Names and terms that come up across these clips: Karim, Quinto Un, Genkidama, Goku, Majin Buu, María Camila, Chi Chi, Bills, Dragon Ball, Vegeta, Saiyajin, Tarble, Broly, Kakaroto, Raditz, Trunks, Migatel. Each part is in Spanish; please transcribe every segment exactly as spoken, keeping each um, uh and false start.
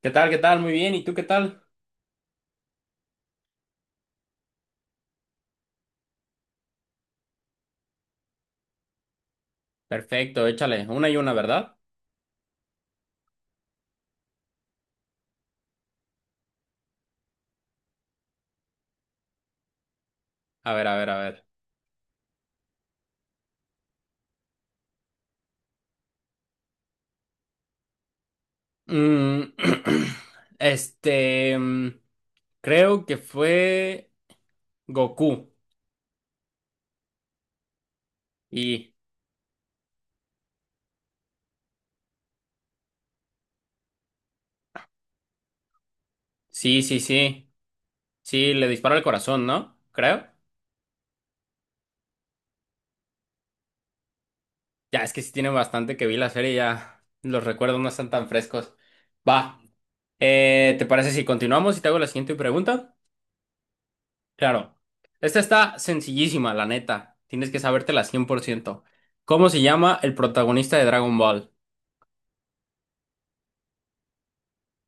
¿Qué tal? ¿Qué tal? Muy bien. ¿Y tú qué tal? Perfecto, échale. Una y una, ¿verdad? A ver, a ver, a ver. Mm, este, mm, creo que fue Goku. Y sí, sí, sí. Sí, le dispara al corazón, ¿no? Creo. Ya, es que sí tiene bastante que vi la serie, ya los recuerdos no están tan frescos. Va. Eh, ¿te parece si continuamos y te hago la siguiente pregunta? Claro. Esta está sencillísima, la neta. Tienes que sabértela cien por ciento. ¿Cómo se llama el protagonista de Dragon Ball?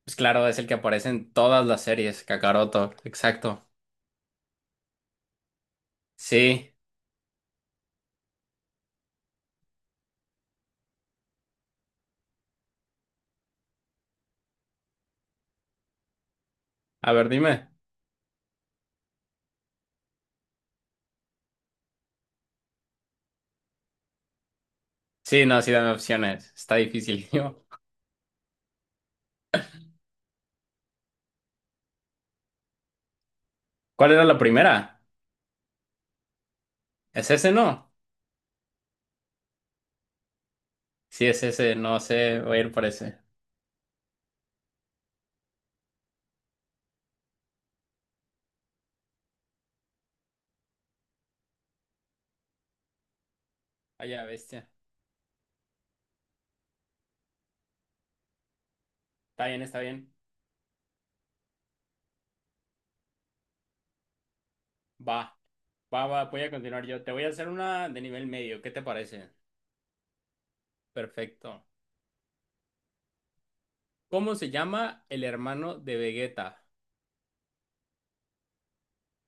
Pues claro, es el que aparece en todas las series, Kakaroto. Exacto. Sí. A ver, dime. Sí, no, sí, dame opciones. Está difícil, tío. ¿Cuál era la primera? ¿Es ese, no? Sí, es ese. No sé, voy a ir por ese. Vaya bestia. Está bien, está bien. Va. Va, va, voy a continuar yo. Te voy a hacer una de nivel medio. ¿Qué te parece? Perfecto. ¿Cómo se llama el hermano de Vegeta?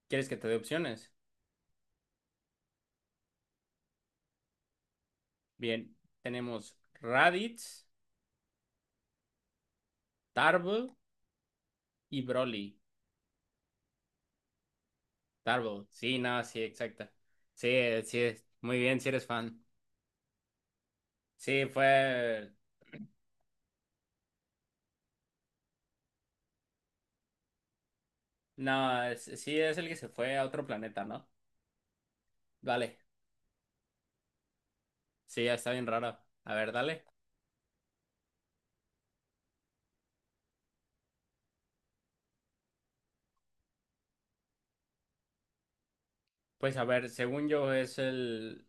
¿Quieres que te dé opciones? Bien, tenemos Raditz, Tarble y Broly. Tarble, sí, no, sí, exacta. Sí, sí, es- muy bien, si eres fan. Sí, fue... No, es- sí, es el que se fue a otro planeta, ¿no? Vale, sí, ya está bien raro. A ver, dale. Pues a ver, según yo es el...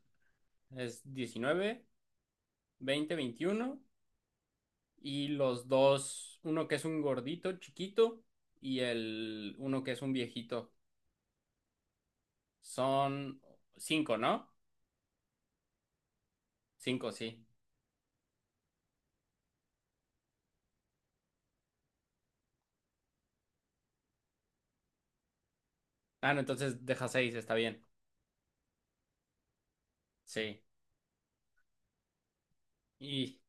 es diecinueve, veinte, veintiuno. Y los dos, uno que es un gordito chiquito y el uno que es un viejito. Son cinco, ¿no? Cinco, sí. Ah, no, entonces deja seis, está bien. Sí. Y,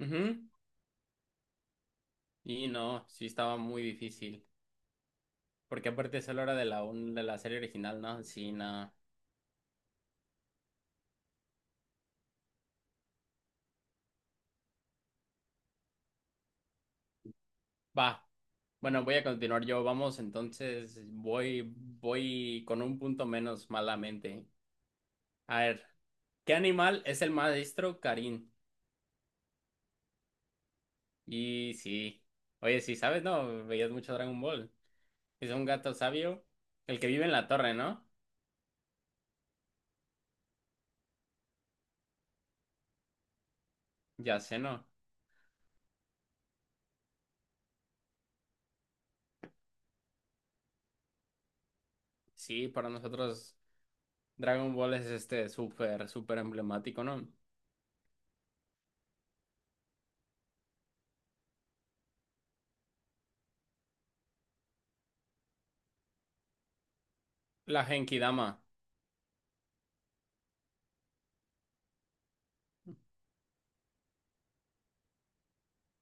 ujú. Y no, sí estaba muy difícil. Porque aparte es a la hora de la, un- de la serie original, ¿no? Sí, no. Va. Bueno, voy a continuar yo. Vamos, entonces voy, voy con un punto menos malamente. A ver, ¿qué animal es el maestro Karim? Y sí. Oye, sí, ¿sabes? No, veías mucho Dragon Ball. Es un gato sabio, el que vive en la torre, ¿no? Ya sé, ¿no? Sí, para nosotros Dragon Ball es este súper, súper emblemático, ¿no? La Genkidama,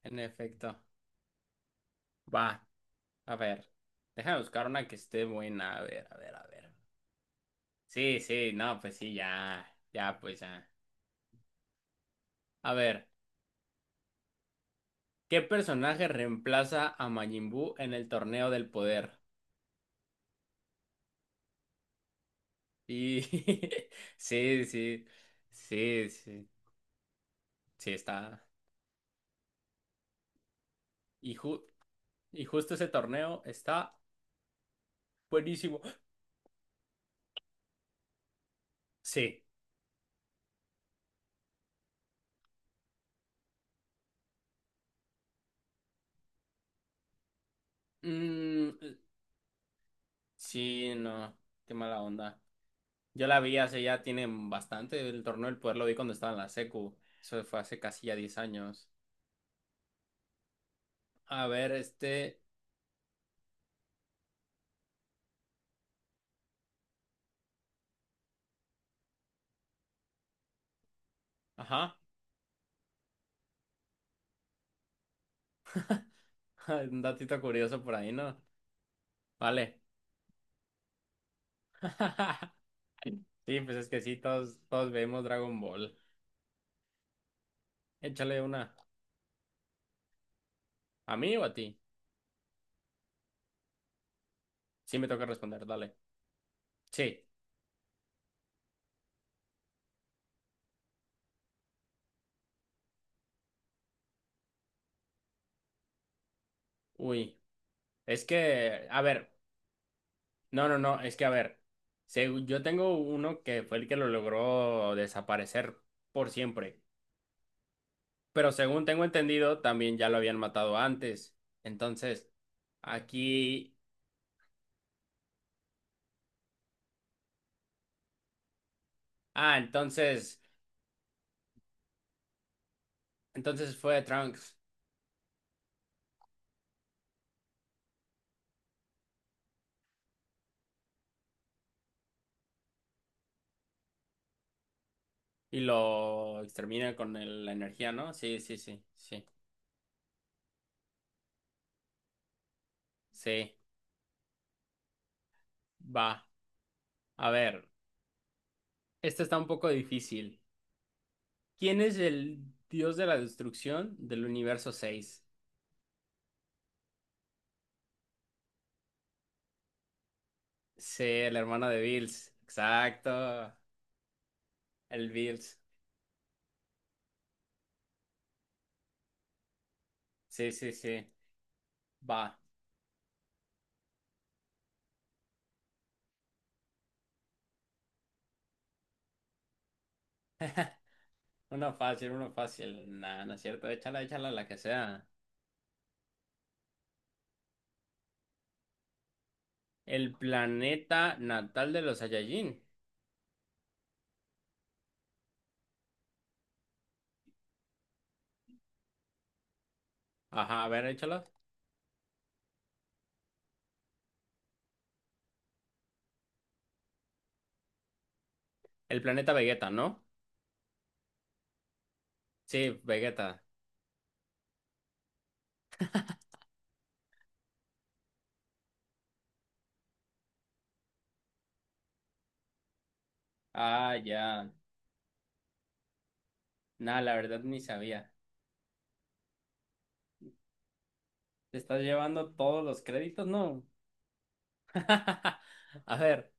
en efecto. Va, a ver. Déjame buscar una que esté buena. A ver, a ver, a ver. Sí, sí, no, pues sí, ya. Ya, pues ya. A ver, ¿qué personaje reemplaza a Majin Buu en el torneo del poder? Y sí, sí, sí, sí, sí, está. Y, ju- y justo ese torneo está buenísimo. Sí. Mm, sí, no, qué mala onda. Yo la vi hace ya, tiene bastante el torneo del poder, lo vi cuando estaba en la secu. Eso fue hace casi ya diez años. A ver, este, ajá, un datito curioso por ahí, ¿no? Vale. Sí, pues es que sí, todos, todos vemos Dragon Ball. Échale una. ¿A mí o a ti? Sí, me toca responder, dale. Sí. Uy, es que, a ver, no, no, no, es que, a ver, segu- yo tengo uno que fue el que lo logró desaparecer por siempre, pero según tengo entendido, también ya lo habían matado antes. Entonces, aquí, ah, entonces, entonces fue Trunks y lo extermina con el- la energía, ¿no? Sí, sí, sí, sí, sí, va. A ver, este está un poco difícil. ¿Quién es el dios de la destrucción del universo seis? Sí, el hermano de Bills. Exacto. El Bills. Sí, sí, sí. Va. Una fácil, una fácil. Nah, no es cierto. Échala, échala la que sea. El planeta natal de los Saiyajin. Ajá, a ver, échala. El planeta Vegeta, ¿no? Sí, Vegeta. Ah, ya. Nah, la verdad ni sabía. ¿Te estás llevando todos los créditos? No. A ver.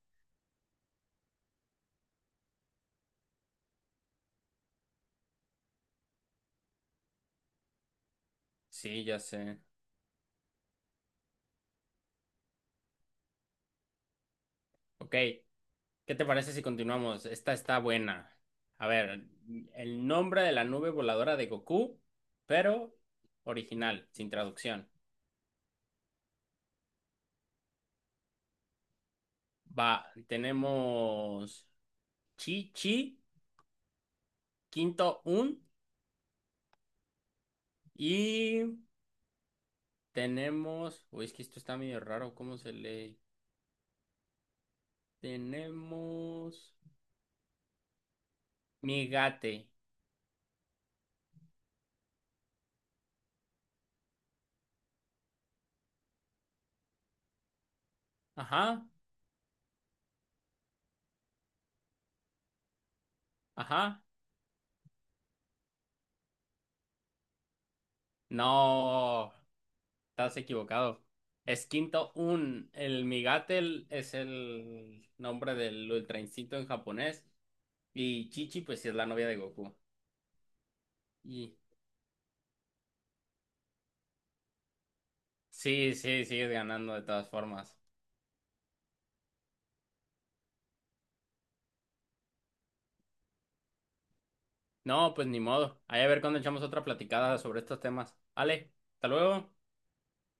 Sí, ya sé. Ok. ¿Qué te parece si continuamos? Esta está buena. A ver, el nombre de la nube voladora de Goku, pero original, sin traducción. Va, tenemos Chi Chi, Quinto Un y tenemos... Uy, es que esto está medio raro, ¿cómo se lee? Tenemos Migate. Ajá, ajá. No. Estás equivocado. Es Quinto Un. El Migatel es el nombre del Ultra Instinto en japonés. Y Chichi, pues sí es la novia de Goku. Y sí, sí, sigues ganando de todas formas. No, pues ni modo. Ahí a ver cuando echamos otra platicada sobre estos temas. Ale, hasta luego.